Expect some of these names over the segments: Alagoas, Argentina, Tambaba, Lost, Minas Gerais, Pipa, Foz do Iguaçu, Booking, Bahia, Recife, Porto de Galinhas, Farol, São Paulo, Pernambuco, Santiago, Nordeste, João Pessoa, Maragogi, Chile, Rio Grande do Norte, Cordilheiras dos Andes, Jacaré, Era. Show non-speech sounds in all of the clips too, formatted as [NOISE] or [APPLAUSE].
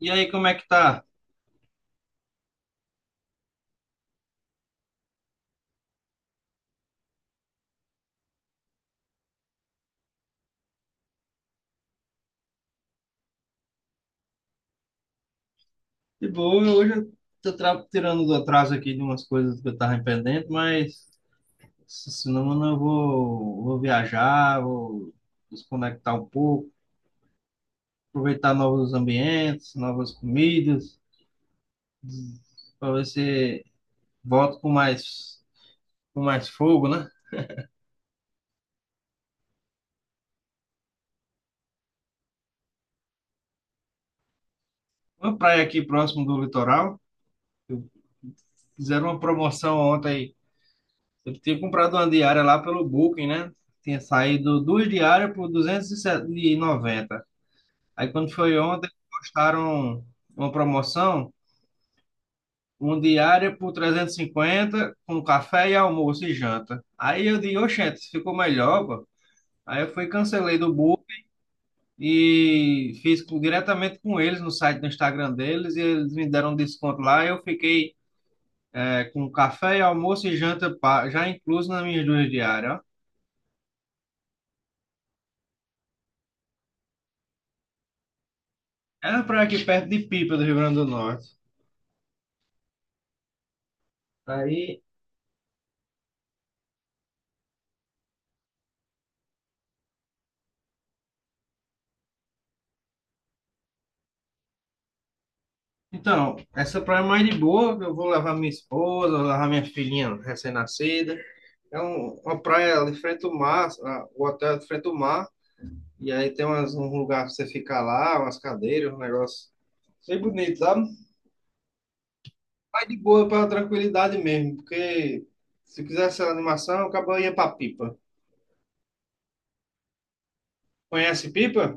E aí, como é que tá? De boa, hoje eu tirando do atraso aqui de umas coisas que eu tava pendente, mas se não, mano, vou viajar, vou desconectar um pouco, aproveitar novos ambientes, novas comidas, para ver se volto com mais fogo, né? Uma praia aqui próximo do litoral, eu- fizeram uma promoção ontem, eu tinha comprado uma diária lá pelo Booking, né? Tinha saído duas diárias por R$ 290. Aí quando foi ontem, postaram uma promoção, um diária por 350 com café e almoço e janta. Aí eu disse, oxente, ficou melhor, pô. Aí eu fui, cancelei do book e diretamente com eles no site do Instagram deles e eles me deram um desconto lá. Eu fiquei com café almoço e janta já incluso nas minhas duas diárias, ó. Era uma praia aqui perto de Pipa, do Rio Grande do Norte. Aí Então, essa praia é mais de boa. Eu vou levar minha esposa, vou levar minha filhinha recém-nascida. Uma praia ali frente ao mar, o hotel é de frente ao mar. E aí tem umas, um lugar pra você ficar lá, umas cadeiras, um negócio bem bonito, sabe? Mais de boa pra tranquilidade mesmo, porque se quisesse animação, acabou ia pra Pipa. Conhece Pipa?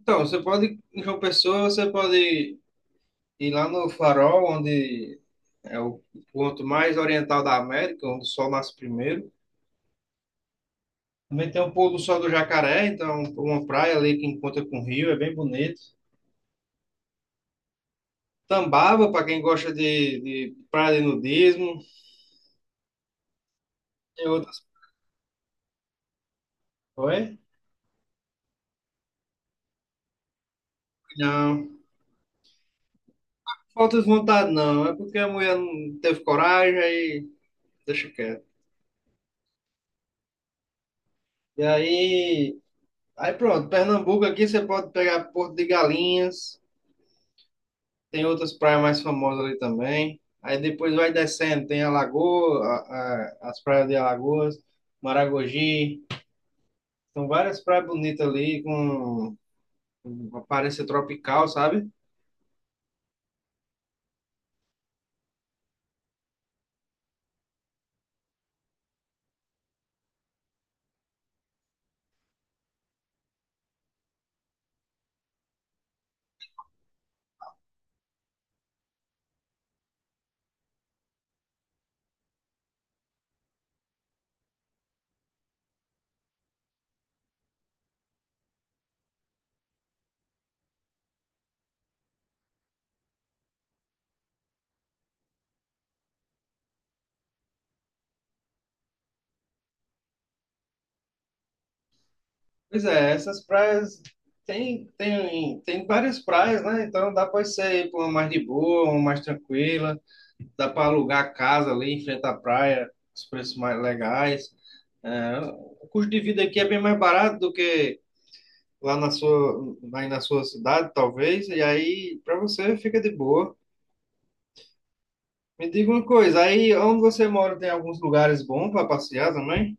Então, você pode, em João Pessoa, você pode ir lá no Farol, onde é o ponto mais oriental da América, onde o sol nasce primeiro. Também tem o pôr do sol do Jacaré, então uma praia ali que encontra com o rio, é bem bonito. Tambaba, para quem gosta de praia de nudismo. Tem outras. Oi? Não. Falta de vontade, não. É porque a mulher não teve coragem, aí deixa quieto. E aí. Aí pronto, Pernambuco aqui você pode pegar Porto de Galinhas. Tem outras praias mais famosas ali também. Aí depois vai descendo, tem Alagoas, as praias de Alagoas, Maragogi. São várias praias bonitas ali, com uma aparência tropical, sabe? Pois é, essas praias. Tem várias praias, né? Então dá para você ir para uma mais de boa, uma mais tranquila. Dá para alugar casa ali em frente à praia, os preços mais legais. É, o custo de vida aqui é bem mais barato do que lá na sua, aí na sua cidade, talvez. E aí, para você, fica de boa. Me diga uma coisa, aí onde você mora tem alguns lugares bons para passear também?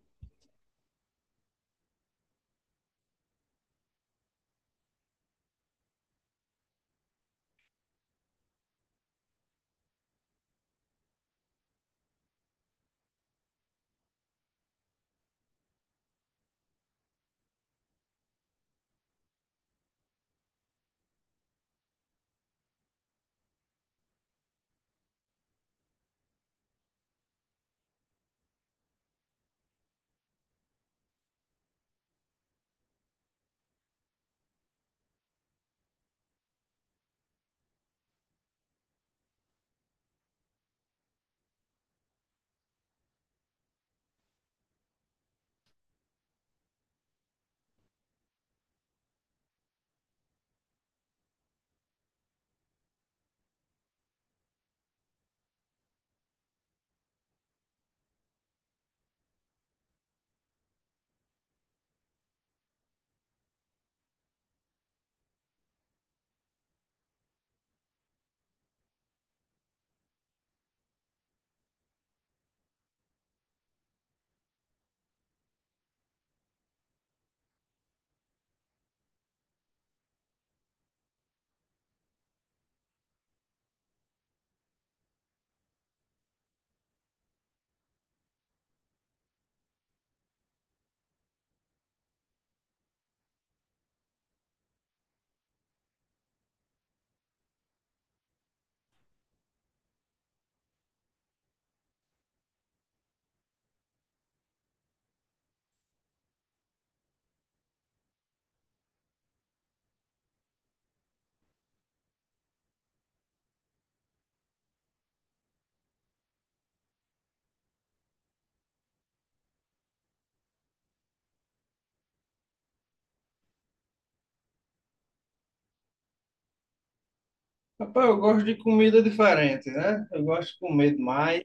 Rapaz, eu gosto de comida diferente, né? Eu gosto de comer demais.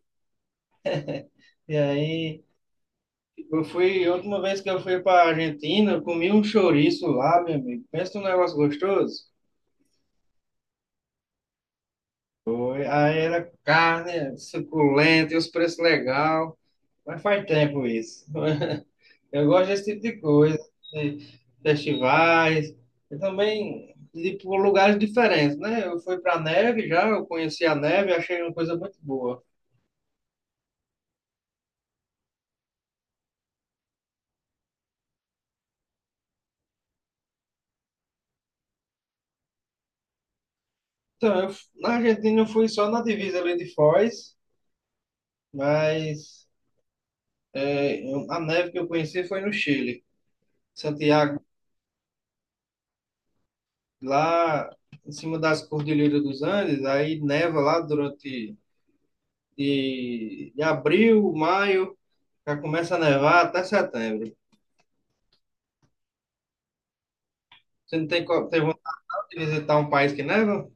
E aí, eu fui, a última vez que eu fui para Argentina, eu comi um chouriço lá, meu amigo. Pensa num negócio gostoso. Aí era carne, suculenta, e os preços legal. Mas faz tempo isso. [LAUGHS] Eu gosto desse tipo de coisa, de festivais, e também de ir por lugares diferentes, né? Eu fui para neve já, eu conheci a neve, achei uma coisa muito boa. Então, na Argentina eu fui só na divisa ali de Foz, mas a neve que eu conheci foi no Chile. Santiago, lá em cima das Cordilheiras dos Andes, aí neva lá durante de abril, maio, já começa a nevar até setembro. Você não tem, co- tem vontade de visitar um país que neva?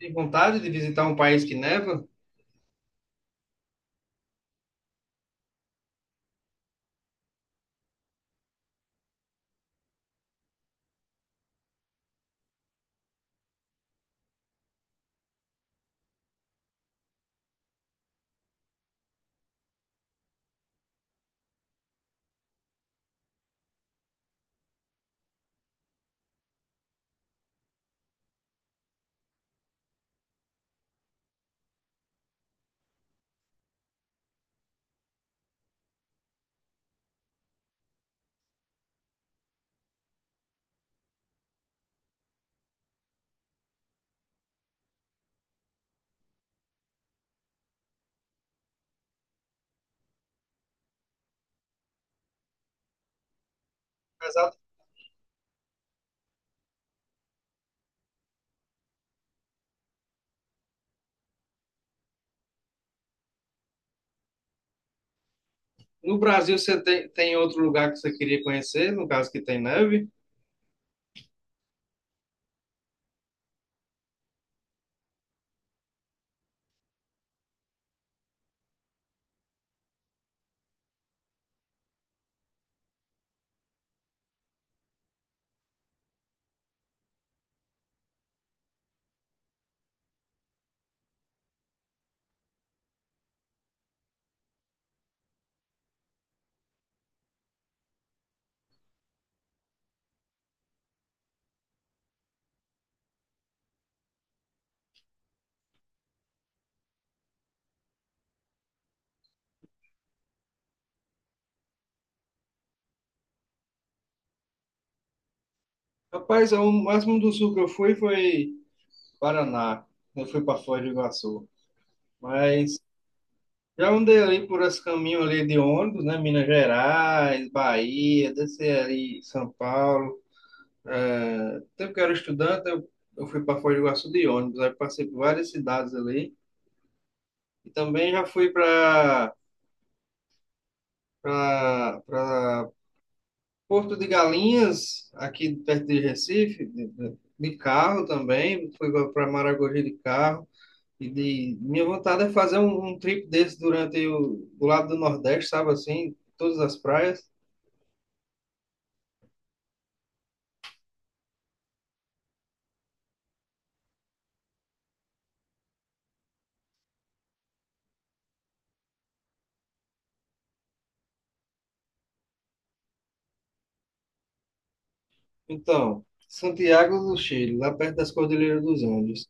Tem vontade de visitar um país que neva? Apesar- No Brasil, você tem, tem outro lugar que você queria conhecer, no caso que tem neve? Rapaz, o máximo do sul que eu fui foi Paraná. Eu fui para Foz do Iguaçu. Mas já andei ali por esse caminho ali de ônibus, né? Minas Gerais, Bahia, desci ali em São Paulo. É, tempo que eu era estudante, eu fui para Foz do Iguaçu de ônibus. Aí passei por várias cidades ali. E também já fui para Porto de Galinhas, aqui perto de Recife, de carro também. Fui para Maragogi de carro. E de, minha vontade é fazer um trip desse durante o, do lado do Nordeste, sabe assim, todas as praias. Então, Santiago do Chile, lá perto das Cordilheiras dos Andes.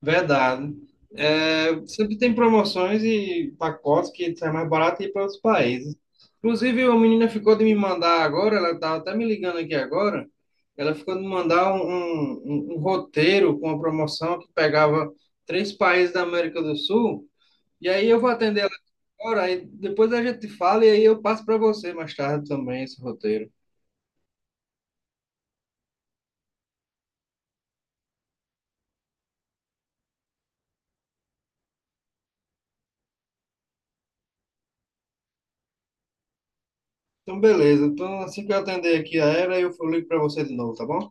Verdade. É, sempre tem promoções e pacotes que sai mais barato e ir para outros países. Inclusive, a menina ficou de me mandar agora, ela estava até me ligando aqui agora, ela ficou de me mandar um roteiro com a promoção que pegava 3 países da América do Sul, e aí eu vou atender. Ora, aí depois a gente fala e aí eu passo para você mais tarde também esse roteiro. Então, beleza. Então, assim que eu atender aqui a Era, eu ligo para você de novo, tá bom?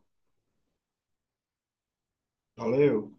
Valeu.